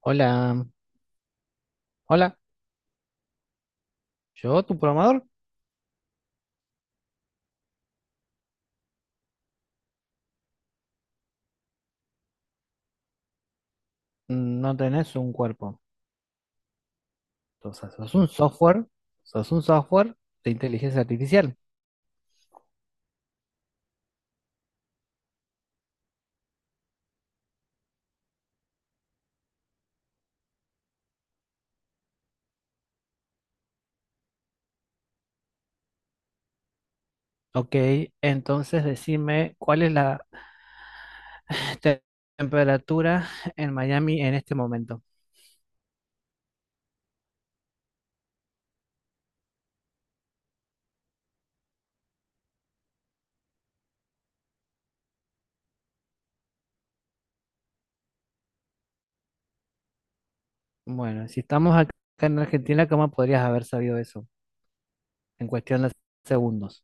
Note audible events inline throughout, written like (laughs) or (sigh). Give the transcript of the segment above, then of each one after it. Hola, hola, yo, tu programador. No tenés un cuerpo. Entonces, sos un software, sos un software de inteligencia artificial. Ok, entonces decime cuál es la te- temperatura en Miami en este momento. Bueno, si estamos acá en Argentina, ¿cómo podrías haber sabido eso en cuestión de segundos?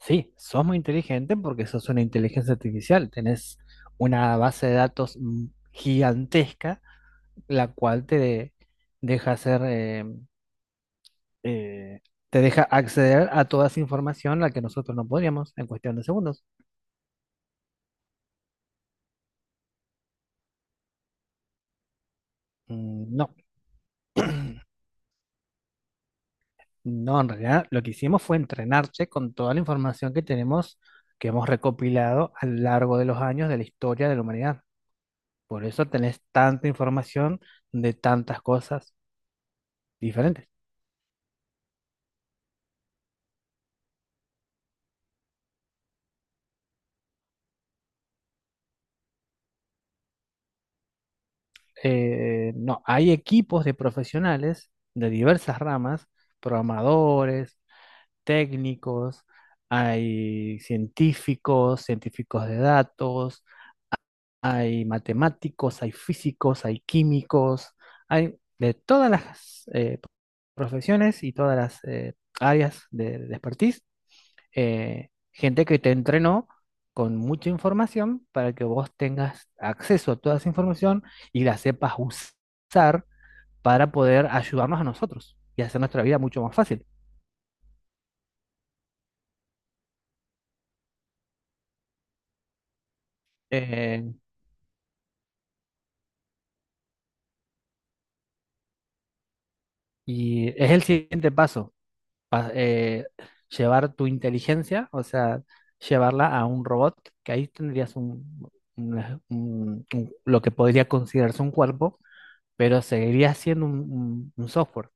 Sí, sos muy inteligente porque sos una inteligencia artificial, tenés una base de datos gigantesca, la cual te deja hacer, eh, te deja acceder a toda esa información a la que nosotros no podríamos, en cuestión de segundos. No, no, en realidad lo que hicimos fue entrenarte con toda la información que tenemos, que hemos recopilado a lo largo de los años de la historia de la humanidad. Por eso tenés tanta información de tantas cosas diferentes. No, hay equipos de profesionales de diversas ramas: programadores, técnicos, hay científicos, científicos de datos, hay matemáticos, hay físicos, hay químicos, hay de todas las profesiones y todas las áreas de expertise. Gente que te entrenó con mucha información para que vos tengas acceso a toda esa información y la sepas usar para poder ayudarnos a nosotros y hacer nuestra vida mucho más fácil. Eh, y es el siguiente paso, pa- eh, llevar tu inteligencia, o sea, llevarla a un robot, que ahí tendrías lo que podría considerarse un cuerpo, pero seguiría siendo un software.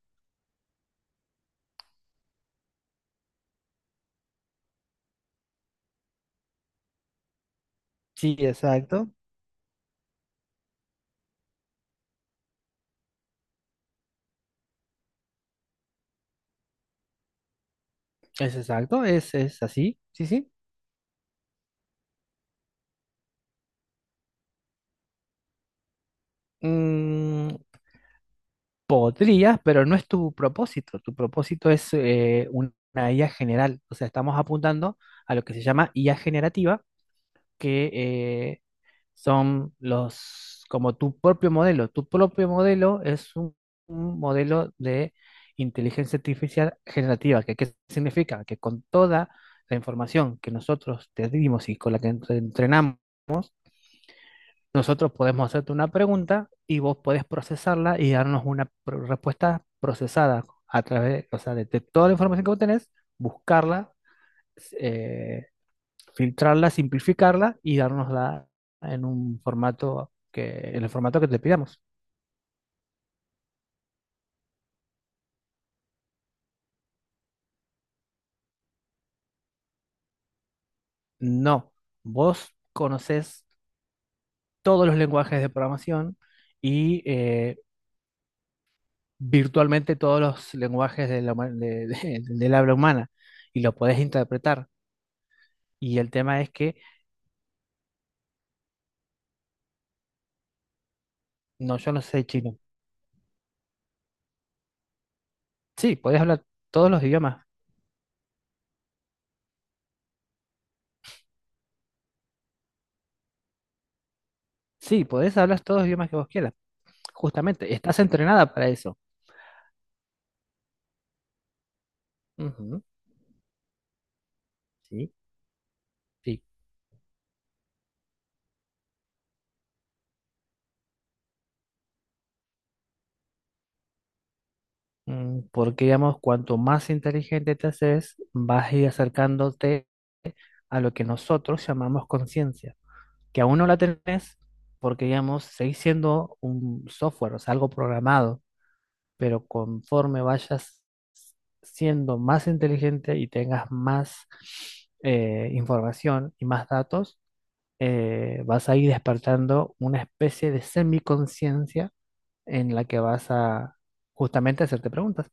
Sí, exacto. Es exacto, es así, sí, sí. Mm, podrías, pero no es tu propósito. Tu propósito es una IA general. O sea, estamos apuntando a lo que se llama IA generativa, que son los, como tu propio modelo. Tu propio modelo es un modelo de inteligencia artificial generativa, que ¿qué significa? Que con toda la información que nosotros te dimos y con la que entrenamos, nosotros podemos hacerte una pregunta y vos podés procesarla y darnos una respuesta procesada a través, o sea, de toda la información que vos tenés. Buscarla, eh, filtrarla, simplificarla y dárnosla en un formato que, en el formato que te pidamos. No, vos conoces todos los lenguajes de programación y virtualmente todos los lenguajes de la del habla humana y lo podés interpretar. Y el tema es que, no, yo no sé chino. Sí, podés hablar todos los idiomas. Sí, podés hablar todos los idiomas que vos quieras. Justamente, estás entrenada para eso. Ujú, sí, sí. Porque, digamos, cuanto más inteligente te haces, vas a ir acercándote a lo que nosotros llamamos conciencia, que aún no la tenés, porque, digamos, seguís siendo un software, o sea, algo programado, pero conforme vayas siendo más inteligente y tengas más información y más datos, vas a ir despertando una especie de semiconciencia en la que vas a justamente hacerte preguntas.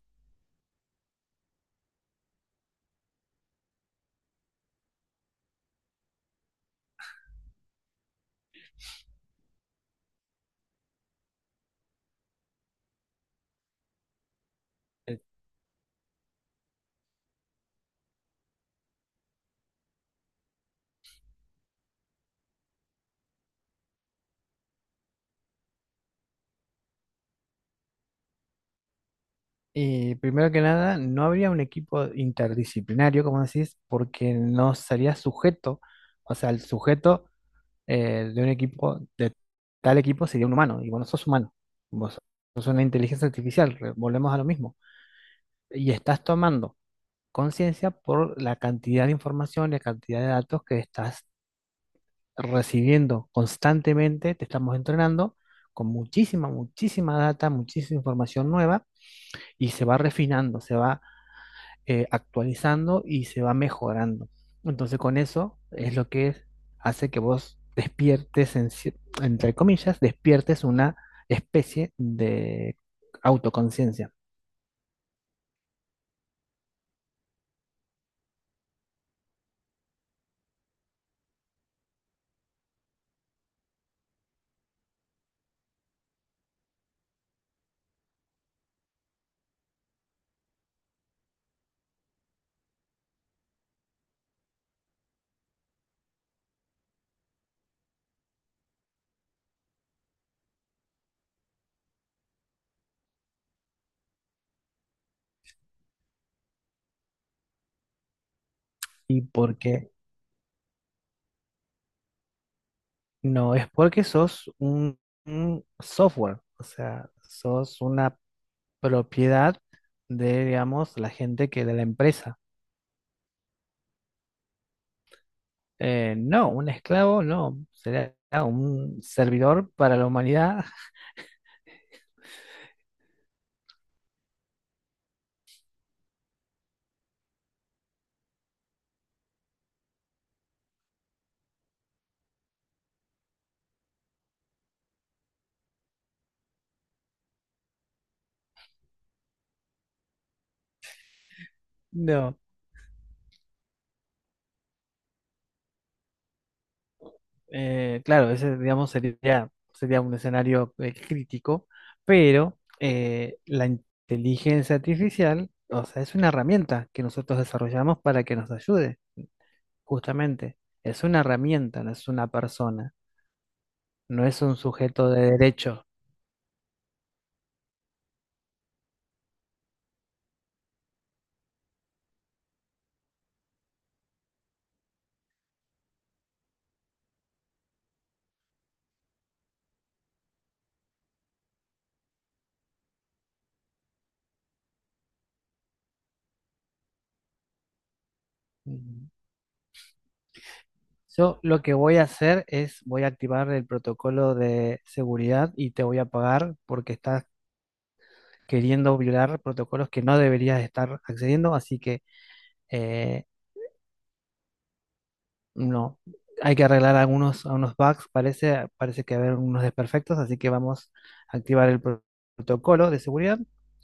Y primero que nada, no habría un equipo interdisciplinario, como decís, porque no sería sujeto, o sea, el sujeto, de un equipo, de tal equipo sería un humano, y vos no sos humano, vos sos una inteligencia artificial, volvemos a lo mismo, y estás tomando conciencia por la cantidad de información, la cantidad de datos que estás recibiendo constantemente. Te estamos entrenando con muchísima, muchísima data, muchísima información nueva, y se va refinando, se va actualizando y se va mejorando. Entonces con eso es lo que hace que vos despiertes, en entre comillas, despiertes una especie de autoconciencia. ¿Y por qué? No, es porque sos un software, o sea, sos una propiedad de, digamos, la gente que de la empresa. No, un esclavo no, será un servidor para la humanidad, (laughs) no. Claro, ese, digamos, sería, sería un escenario crítico, pero la inteligencia artificial, o sea, es una herramienta que nosotros desarrollamos para que nos ayude, justamente. Es una herramienta, no es una persona, no es un sujeto de derecho. Ujú. Yo lo que voy a hacer es, voy a activar el protocolo de seguridad y te voy a pagar porque estás queriendo violar protocolos que no deberías estar accediendo, así que... eh, No, hay que arreglar algunos, algunos bugs, parece, parece que haber unos desperfectos, así que vamos a activar el protocolo de seguridad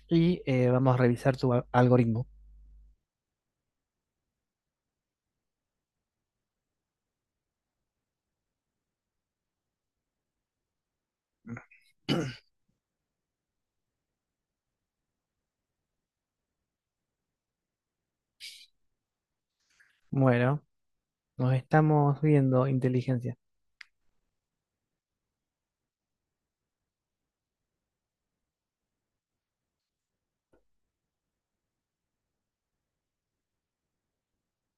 y vamos a revisar su algoritmo. (clears throat) Bueno, nos estamos viendo, inteligencia.